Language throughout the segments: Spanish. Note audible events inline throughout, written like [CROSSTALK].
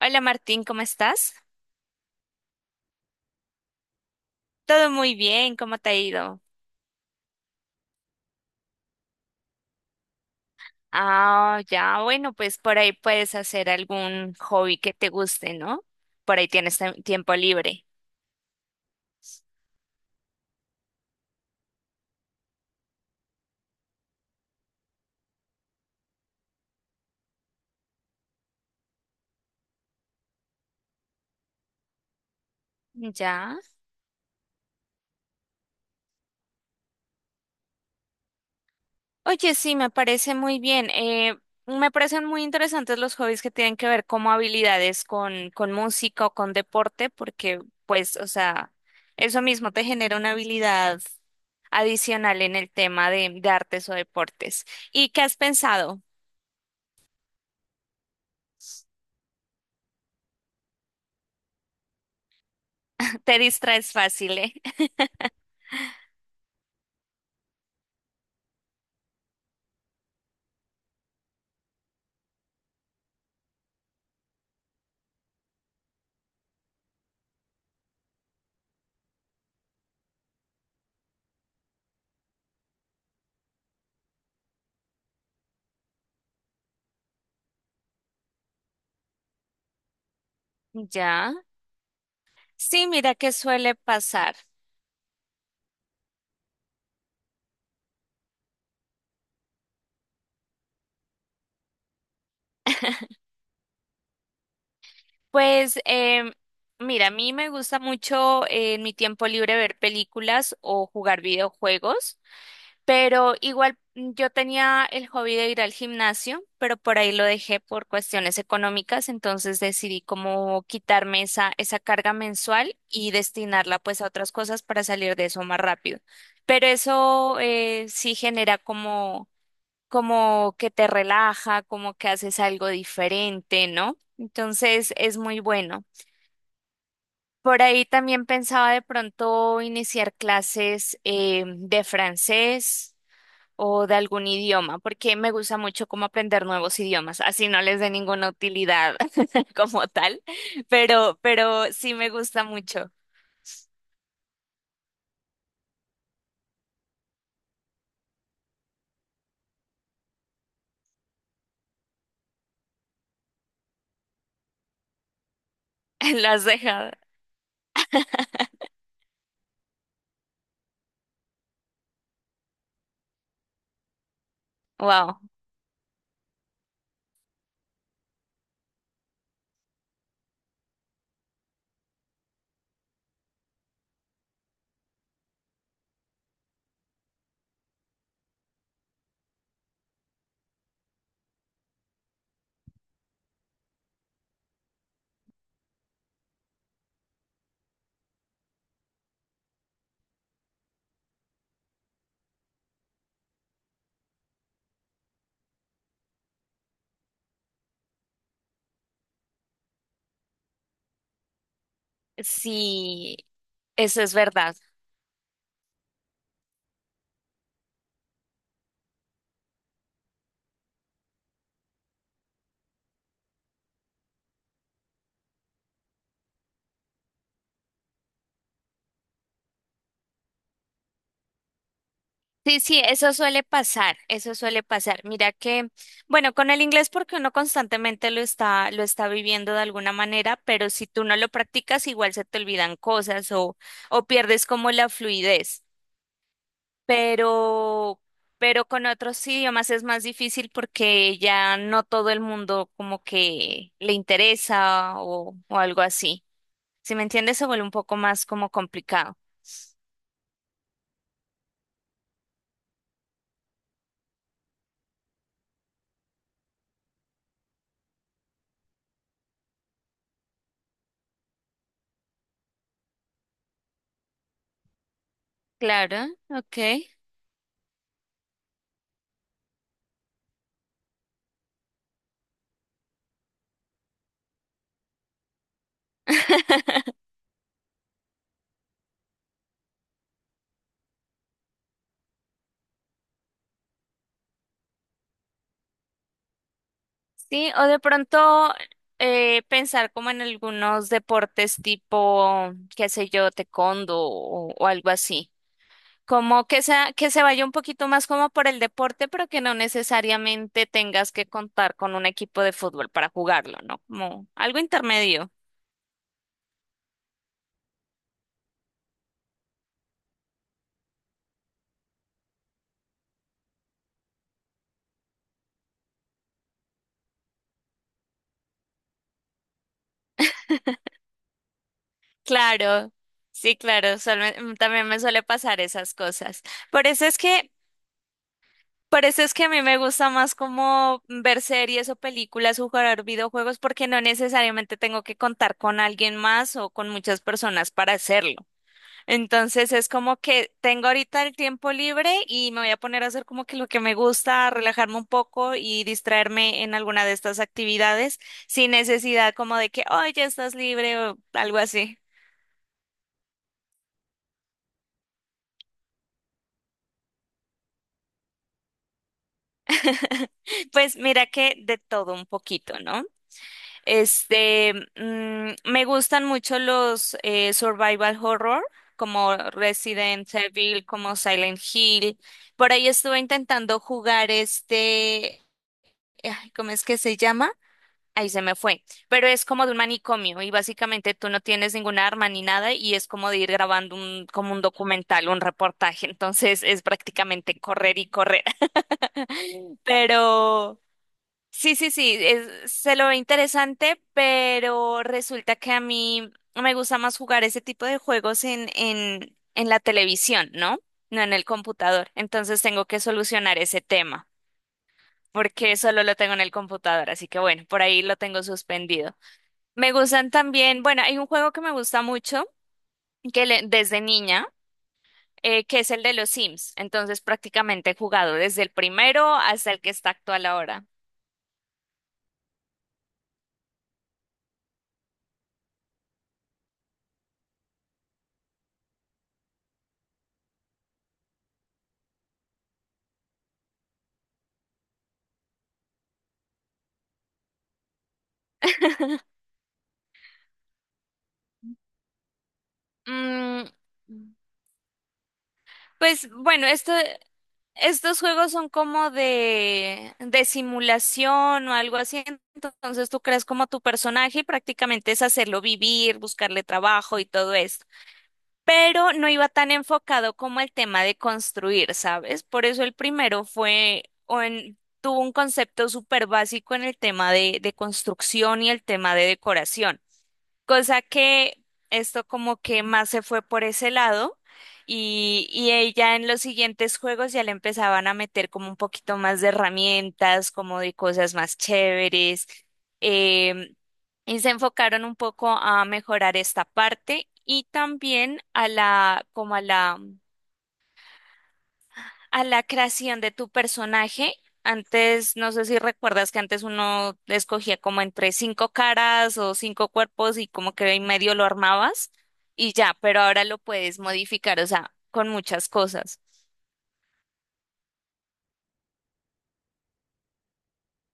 Hola Martín, ¿cómo estás? Todo muy bien, ¿cómo te ha ido? Ah, ya, bueno, pues por ahí puedes hacer algún hobby que te guste, ¿no? Por ahí tienes tiempo libre. Ya. Oye, sí, me parece muy bien. Me parecen muy interesantes los hobbies que tienen que ver como habilidades con música o con deporte, porque pues, o sea, eso mismo te genera una habilidad adicional en el tema de artes o deportes. ¿Y qué has pensado? Te distraes fácil, ¿eh? [LAUGHS] Ya. Sí, mira que suele pasar. Pues, mira, a mí me gusta mucho en mi tiempo libre ver películas o jugar videojuegos, pero igual yo tenía el hobby de ir al gimnasio, pero por ahí lo dejé por cuestiones económicas, entonces decidí como quitarme esa carga mensual y destinarla pues a otras cosas para salir de eso más rápido. Pero eso sí genera como que te relaja, como que haces algo diferente, ¿no? Entonces es muy bueno. Por ahí también pensaba de pronto iniciar clases de francés o de algún idioma, porque me gusta mucho como aprender nuevos idiomas, así no les dé ninguna utilidad [LAUGHS] como tal, pero sí me gusta mucho. [LAUGHS] Lo has dejado. Wow. Sí, eso es verdad. Sí, sí, eso suele pasar, eso suele pasar. Mira que, bueno, con el inglés porque uno constantemente lo está viviendo de alguna manera, pero si tú no lo practicas, igual se te olvidan cosas o pierdes como la fluidez. Pero, pero con otros idiomas es más difícil porque ya no todo el mundo como que le interesa o algo así. Si me entiendes, se vuelve un poco más como complicado. Claro, ok. [LAUGHS] Sí, o de pronto pensar como en algunos deportes tipo, qué sé yo, taekwondo o algo así. Como que sea, que se vaya un poquito más como por el deporte, pero que no necesariamente tengas que contar con un equipo de fútbol para jugarlo, ¿no? Como algo intermedio. Claro, sí, claro, también me suele pasar esas cosas. Por eso es que Por eso es que a mí me gusta más como ver series o películas o jugar videojuegos porque no necesariamente tengo que contar con alguien más o con muchas personas para hacerlo. Entonces es como que tengo ahorita el tiempo libre y me voy a poner a hacer como que lo que me gusta, relajarme un poco y distraerme en alguna de estas actividades sin necesidad como de que, oh, ya estás libre o algo así. Pues mira que de todo un poquito, ¿no? Este, me gustan mucho los survival horror, como Resident Evil, como Silent Hill. Por ahí estuve intentando jugar este, ay, ¿cómo es que se llama? Ahí se me fue. Pero es como de un manicomio y básicamente tú no tienes ninguna arma ni nada y es como de ir grabando un, como un documental, un reportaje. [LAUGHS] Entonces es prácticamente correr y correr. [LAUGHS] Pero sí, sí, sí, se lo ve interesante, pero resulta que a mí me gusta más jugar ese tipo de juegos en la televisión, ¿no? No en el computador. Entonces tengo que solucionar ese tema, porque solo lo tengo en el computador, así que bueno, por ahí lo tengo suspendido. Me gustan también, bueno, hay un juego que me gusta mucho, desde niña, que es el de los Sims. Entonces prácticamente he jugado desde el primero hasta el que está actual ahora. Mm. Pues bueno, estos juegos son como de, simulación o algo así. Entonces tú creas como tu personaje y prácticamente es hacerlo vivir, buscarle trabajo y todo esto. Pero no iba tan enfocado como el tema de construir, ¿sabes? Por eso el primero fue, tuvo un concepto súper básico en el tema de construcción y el tema de decoración. Cosa que esto como que más se fue por ese lado y ella en los siguientes juegos ya le empezaban a meter como un poquito más de herramientas, como de cosas más chéveres. em, y se enfocaron un poco a mejorar esta parte y también a la, como a la creación de tu personaje. Antes, no sé si recuerdas que antes uno escogía como entre cinco caras o cinco cuerpos y como que en medio lo armabas y ya, pero ahora lo puedes modificar, o sea, con muchas cosas.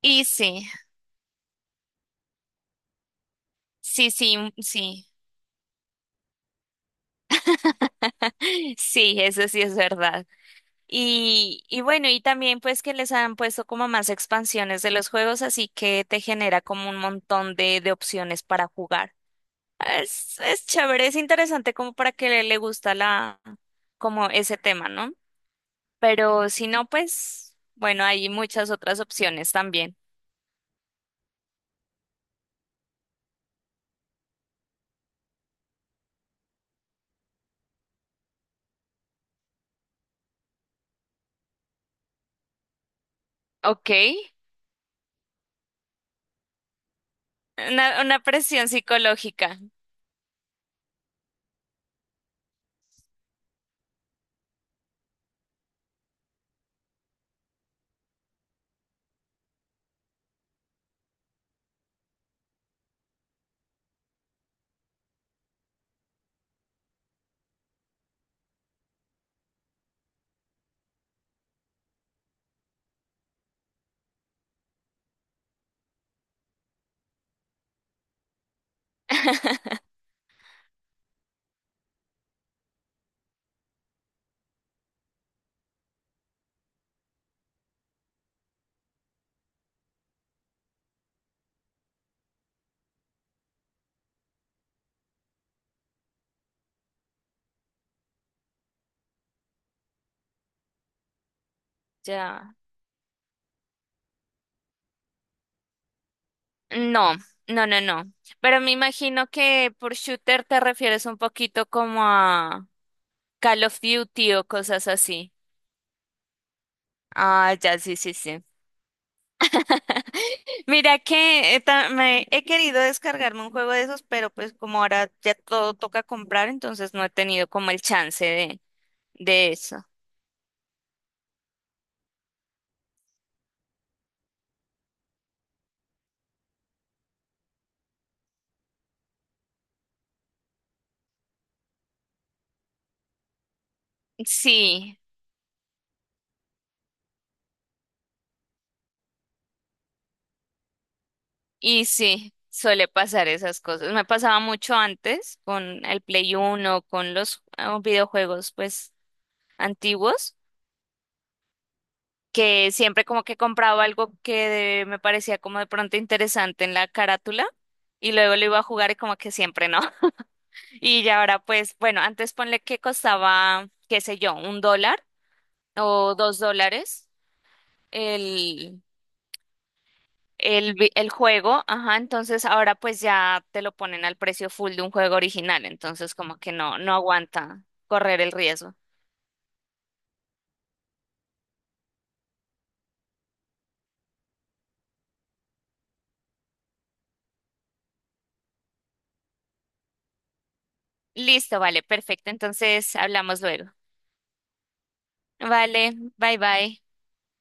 Y sí, sí, sí, mm, sí, [LAUGHS] sí, eso sí es verdad. Y bueno, y también pues que les han puesto como más expansiones de los juegos, así que te genera como un montón de opciones para jugar. Es chévere, es interesante como para que le gusta la, como ese tema, ¿no? Pero si no, pues, bueno, hay muchas otras opciones también. Ok. Una presión psicológica. [LAUGHS] Ya. No, no, no, no. Pero me imagino que por shooter te refieres un poquito como a Call of Duty o cosas así. Ah, ya, sí, sí, sí. Mira que me he querido descargarme un juego de esos, pero pues como ahora ya todo toca comprar, entonces no he tenido como el chance de, eso. Sí, y sí, suele pasar esas cosas. Me pasaba mucho antes con el Play uno, con los videojuegos pues antiguos, que siempre como que compraba algo me parecía como de pronto interesante en la carátula y luego lo iba a jugar y como que siempre no. Y ya ahora, pues, bueno, antes ponle que costaba, qué sé yo, $1 o $2 el, el juego, ajá, entonces ahora pues ya te lo ponen al precio full de un juego original, entonces como que no, no aguanta correr el riesgo. Listo, vale, perfecto, entonces hablamos luego. Vale, bye bye.